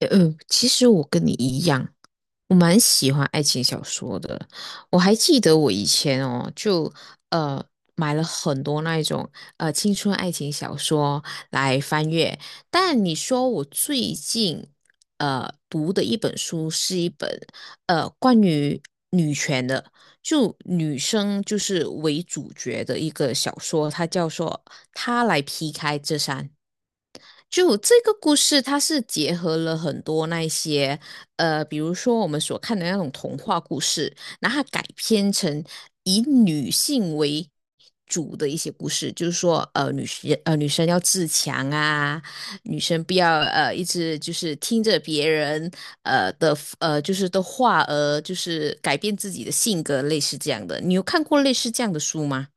其实我跟你一样，我蛮喜欢爱情小说的。我还记得我以前哦，就呃买了很多那一种青春爱情小说来翻阅。但你说我最近读的一本书是一本关于女权的。就女生就是为主角的一个小说，它叫做《她来劈开这山》。就这个故事，它是结合了很多那些，比如说我们所看的那种童话故事，然后它改编成以女性为主的一些故事，就是说，女生要自强啊，女生不要一直就是听着别人的就是的话就是改变自己的性格，类似这样的。你有看过类似这样的书吗？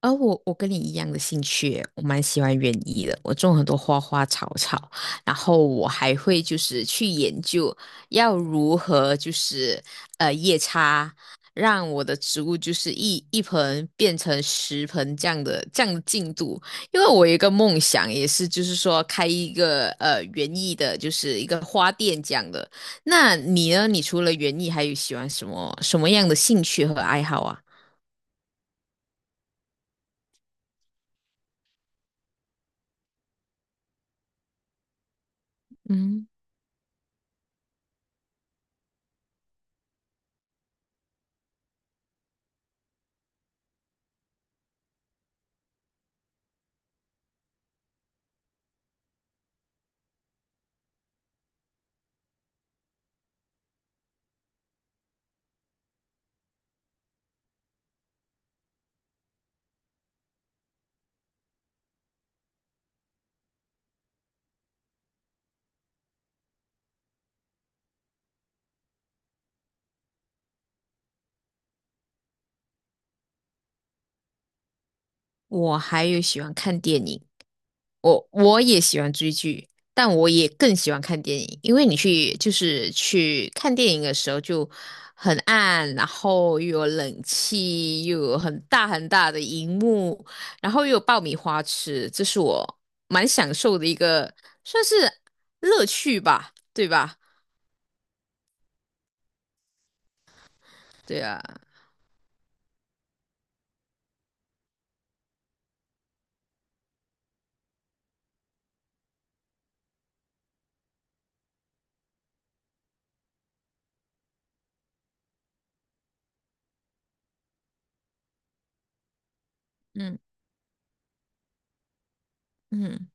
而我跟你一样的兴趣耶我蛮喜欢园艺的。我种很多花花草草，然后我还会就是去研究要如何就是叶插，让我的植物就是一盆变成10盆这样的进度。因为我有一个梦想，也是就是说开一个园艺的，就是一个花店这样的。那你呢？你除了园艺，还有喜欢什么样的兴趣和爱好啊？嗯。我还有喜欢看电影，我也喜欢追剧，但我也更喜欢看电影，因为你去就是去看电影的时候就很暗，然后又有冷气，又有很大很大的荧幕，然后又有爆米花吃，这是我蛮享受的一个算是乐趣吧，对吧？对啊，嗯嗯。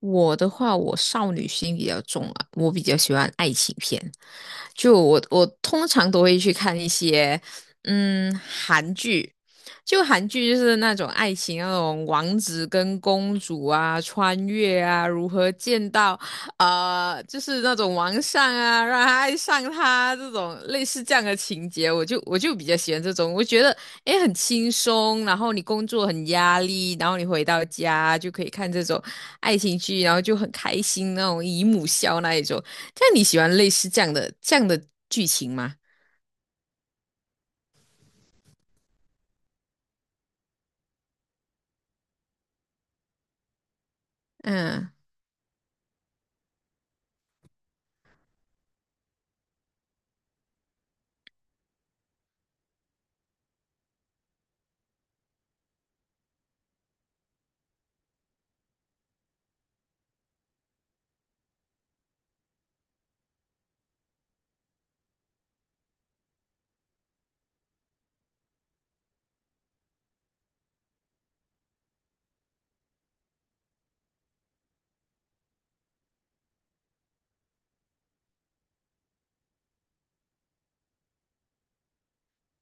我的话，我少女心比较重啊，我比较喜欢爱情片。就我通常都会去看一些韩剧，就韩剧就是那种爱情那种王子跟公主啊，穿越啊，如何见到就是那种王上啊，让他爱上他这种类似这样的情节，我就比较喜欢这种，我觉得诶很轻松，然后你工作很压力，然后你回到家就可以看这种。爱情剧，然后就很开心那种姨母笑那一种。但你喜欢类似这样的剧情吗？嗯，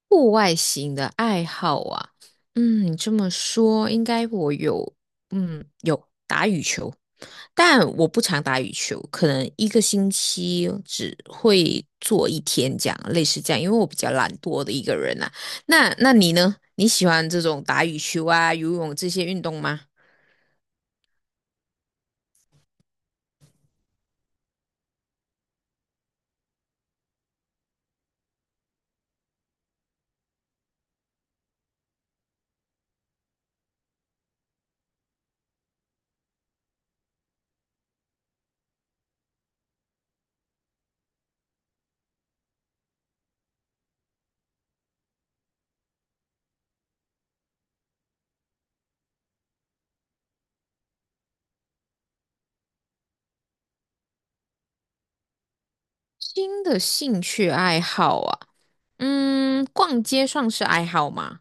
户外型的爱好啊，嗯，你这么说应该我有，嗯，有打羽球，但我不常打羽球，可能一个星期只会做一天这样，类似这样，因为我比较懒惰的一个人啊。那你呢？你喜欢这种打羽球啊、游泳这些运动吗？新的兴趣爱好啊。嗯，逛街算是爱好吗？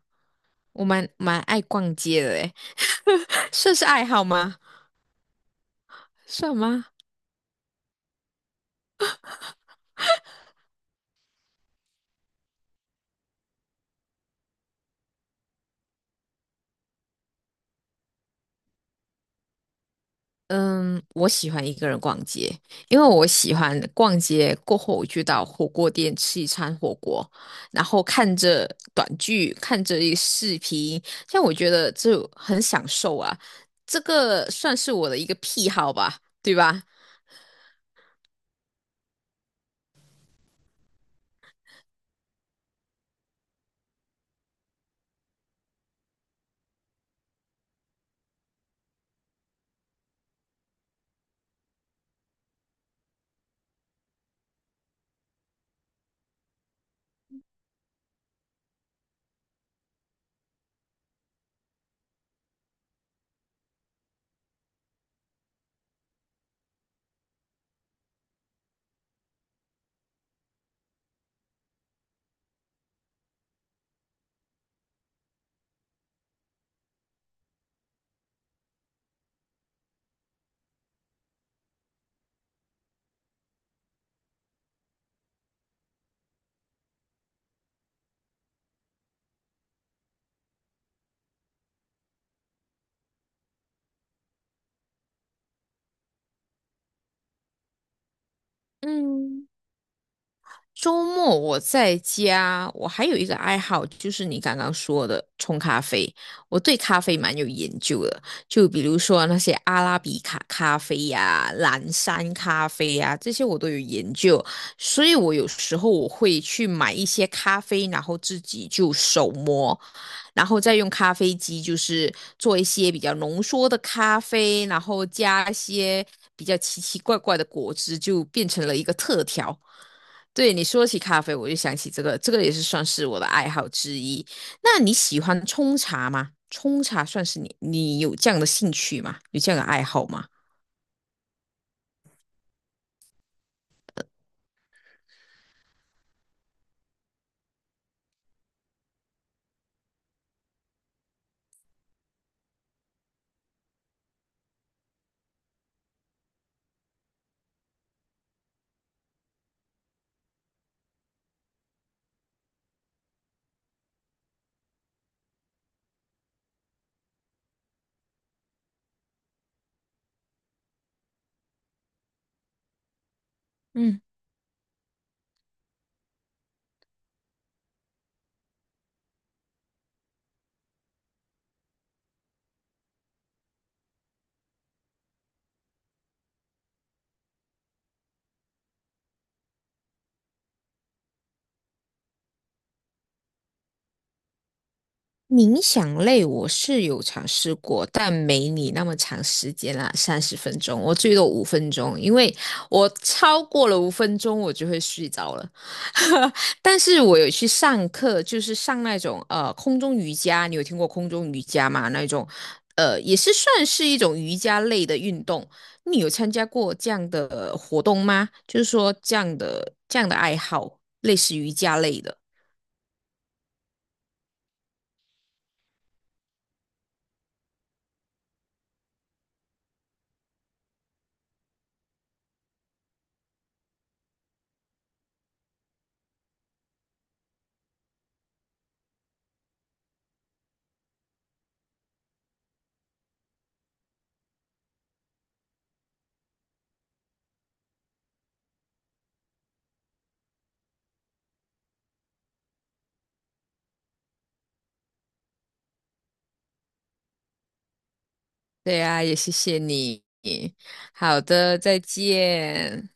我蛮爱逛街的诶，算是爱好吗？算吗？嗯，我喜欢一个人逛街，因为我喜欢逛街过后，我就到火锅店吃一餐火锅，然后看着短剧，看着一视频，像我觉得就很享受啊，这个算是我的一个癖好吧，对吧？嗯。周末我在家，我还有一个爱好，就是你刚刚说的冲咖啡。我对咖啡蛮有研究的，就比如说那些阿拉比卡咖啡呀、蓝山咖啡呀、这些我都有研究。所以我有时候我会去买一些咖啡，然后自己就手磨，然后再用咖啡机就是做一些比较浓缩的咖啡，然后加一些比较奇奇怪怪的果汁，就变成了一个特调。对你说起咖啡，我就想起这个也是算是我的爱好之一。那你喜欢冲茶吗？冲茶算是你有这样的兴趣吗？有这样的爱好吗？嗯。冥想类我是有尝试过，但没你那么长时间啦，30分钟，我最多五分钟，因为我超过了五分钟我就会睡着了。但是我有去上课，就是上那种空中瑜伽，你有听过空中瑜伽吗？那种也是算是一种瑜伽类的运动。你有参加过这样的活动吗？就是说这样的爱好，类似瑜伽类的。对啊，也谢谢你。好的，再见。